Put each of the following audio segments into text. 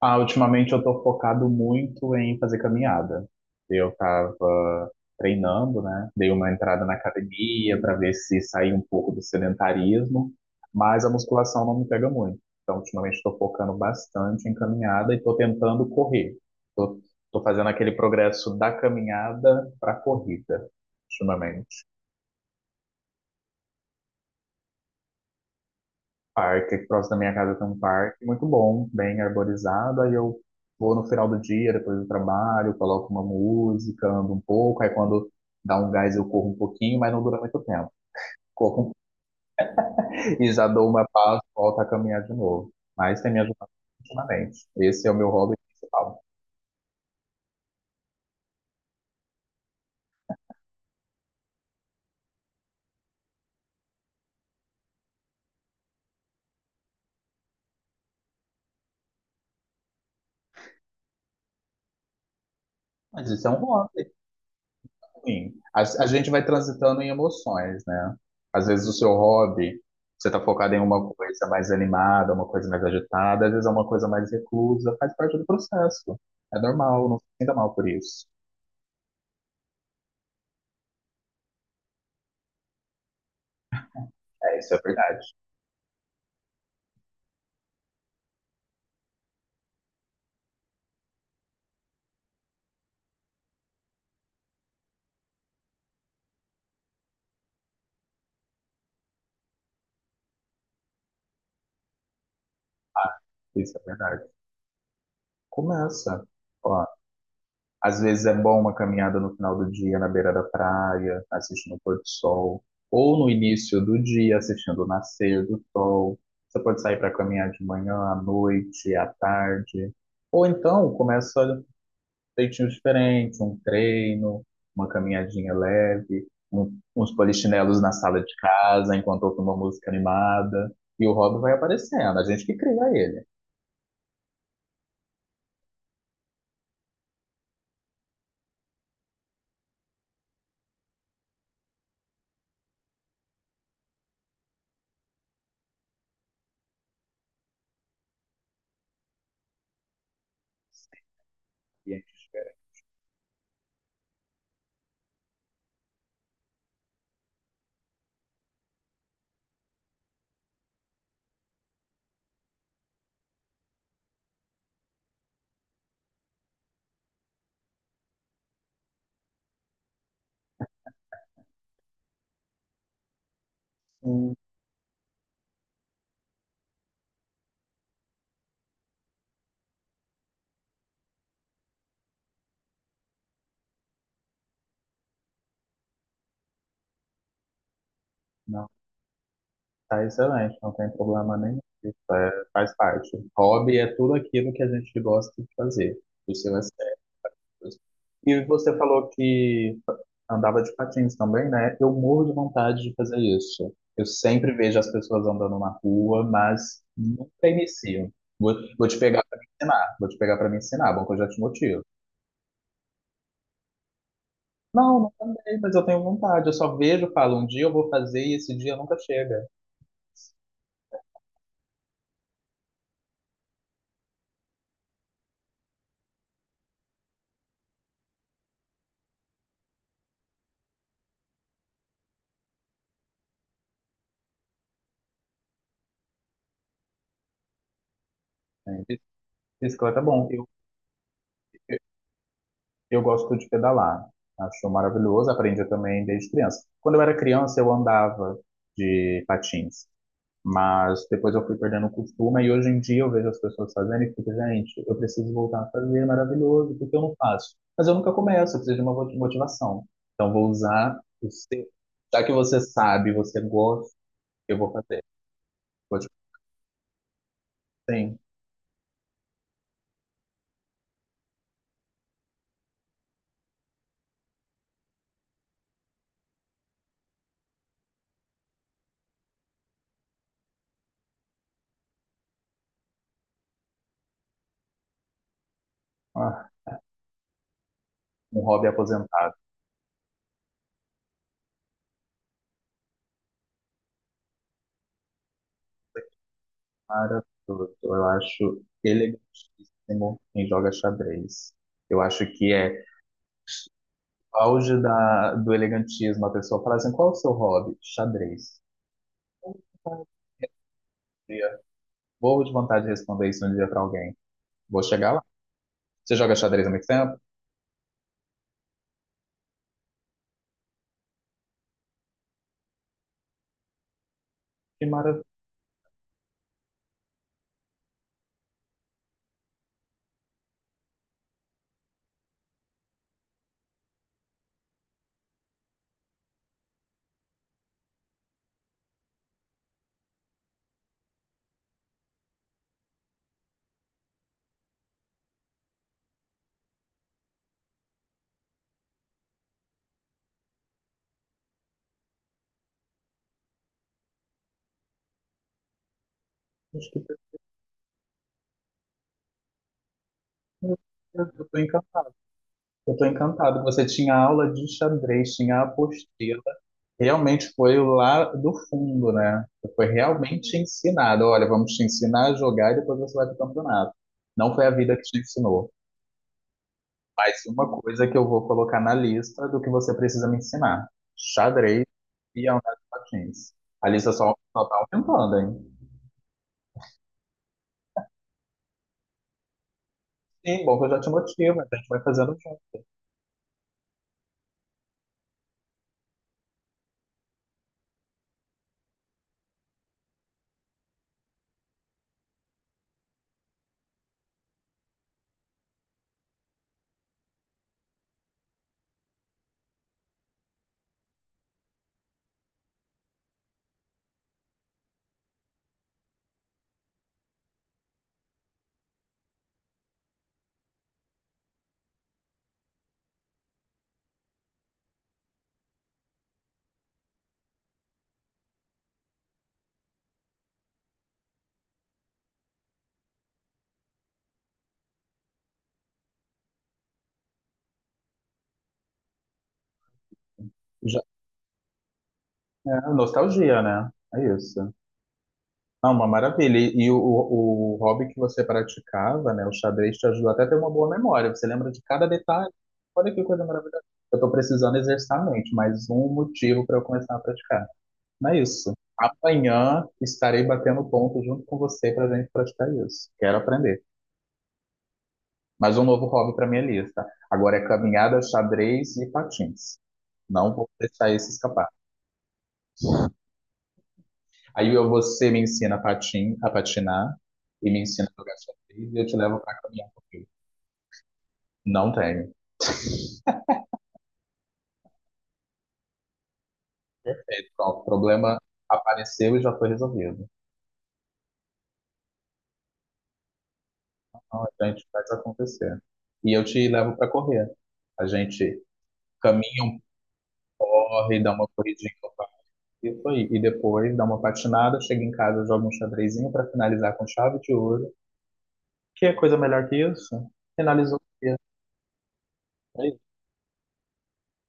Ah, ultimamente eu tô focado muito em fazer caminhada. Eu tava treinando, né? Dei uma entrada na academia para ver se saía um pouco do sedentarismo, mas a musculação não me pega muito. Então, ultimamente estou focando bastante em caminhada e estou tentando correr. Tô, tô fazendo aquele progresso da caminhada para a corrida, ultimamente. Parque, aqui próximo da minha casa tem um parque muito bom, bem arborizado. Aí eu vou no final do dia, depois do trabalho, coloco uma música, ando um pouco. Aí quando dá um gás eu corro um pouquinho, mas não dura muito tempo. Corro e já dou uma pausa, volto a caminhar de novo. Mas tem me ajudado ultimamente. Esse é o meu hobby principal. Mas isso é um hobby. Sim, a gente vai transitando em emoções, né? Às vezes o seu hobby, você tá focado em uma coisa mais animada, uma coisa mais agitada, às vezes é uma coisa mais reclusa, faz parte do processo. É normal, não se sinta mal por isso. É, isso é verdade. Começa. Ó. Às vezes é bom uma caminhada no final do dia na beira da praia, assistindo o pôr do sol, ou no início do dia assistindo o nascer do sol. Você pode sair para caminhar de manhã, à noite, à tarde, ou então começa um jeitinho diferente, um treino, uma caminhadinha leve, uns polichinelos na sala de casa enquanto ouve uma música animada, e o hobby vai aparecendo, a gente que cria ele. E a gente, "Hum, não. Tá excelente, não tem problema nenhum. Isso é, faz parte. Hobby é tudo aquilo que a gente gosta de fazer, dos seus aspectos. E você falou que andava de patins também, né? Eu morro de vontade de fazer isso. Eu sempre vejo as pessoas andando na rua, mas nunca inicio. Vou te pegar para me ensinar, vou te pegar para me ensinar, bom que eu já te motivo. Não, não andei, mas eu tenho vontade. Eu só vejo, falo, um dia eu vou fazer e esse dia nunca chega. É, bicicleta é bom. Eu gosto de pedalar, acho maravilhoso, aprendi também desde criança. Quando eu era criança, eu andava de patins, mas depois eu fui perdendo o costume e hoje em dia eu vejo as pessoas fazendo e fico, gente, eu preciso voltar a fazer, é maravilhoso, porque eu não faço? Mas eu nunca começo, eu preciso de uma motivação. Então vou usar o seu. Já que você sabe, você gosta, eu vou fazer. Vou te- Sim, ah, um hobby aposentado. Para tudo. Eu acho elegantíssimo quem joga xadrez. Eu acho que é auge do elegantismo. A pessoa fala assim: qual é o seu hobby? Xadrez. Dia. Vou de vontade de responder isso um dia para alguém. Vou chegar lá. Você joga xadrez há muito tempo? Que maravilha. acho que- Eu tô encantado. Eu estou encantado. Você tinha aula de xadrez, tinha apostila. Realmente foi lá do fundo, né? Foi realmente ensinado. Olha, vamos te ensinar a jogar e depois você vai para o campeonato. Não foi a vida que te ensinou. Mas uma coisa que eu vou colocar na lista do que você precisa me ensinar: xadrez e andar de patins. A lista só tá aumentando, hein? Sim, bom que eu já te motivo, a gente vai fazendo junto. Já, é, nostalgia, né? É isso. Ah, uma maravilha. E o, o hobby que você praticava, né? O xadrez te ajudou até a ter uma boa memória. Você lembra de cada detalhe. Olha que coisa maravilhosa. Eu estou precisando exercitar a mente, mais um motivo para eu começar a praticar. Não é isso. Amanhã estarei batendo ponto junto com você para a gente praticar isso. Quero aprender. Mais um novo hobby para minha lista. Agora é caminhada, xadrez e patins. Não vou deixar esse escapar. Você me ensina a patin, a patinar e me ensina a jogar xadrez e eu te levo para caminhar comigo. Não tenho. Perfeito. Pronto, o problema apareceu e já foi resolvido. Então a gente faz acontecer. E eu te levo para correr. A gente caminha um corre, dá uma corridinha no parque, isso aí. E depois dá uma patinada, chega em casa, joga um xadrezinho para finalizar com chave de ouro. Que é coisa melhor que isso? Finalizou o dia. É isso.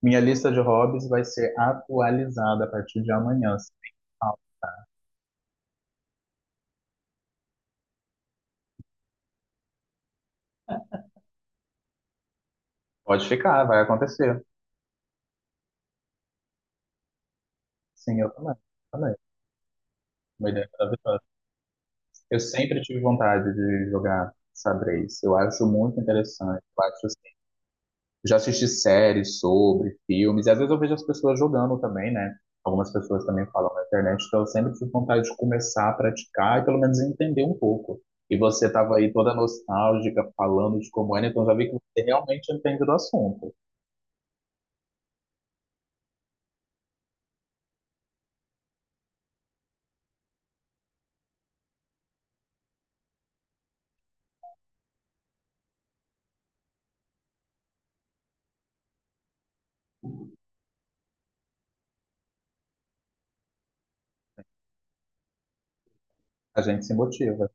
Minha lista de hobbies vai ser atualizada a partir de amanhã. Ah, pode ficar, vai acontecer. Sim, eu também. Também. Uma ideia maravilhosa. Eu sempre tive vontade de jogar xadrez. Eu acho muito interessante. Eu acho, assim, eu já assisti séries sobre, filmes, e às vezes eu vejo as pessoas jogando também, né? Algumas pessoas também falam na internet, então eu sempre tive vontade de começar a praticar e pelo menos entender um pouco. E você estava aí toda nostálgica, falando de como era, então já vi que você realmente entende do assunto. A gente se motiva.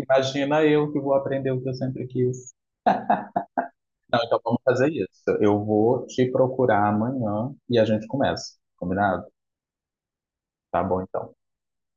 Imagina eu que vou aprender o que eu sempre quis. Não, então vamos fazer isso. Eu vou te procurar amanhã e a gente começa. Combinado? Tá bom, então.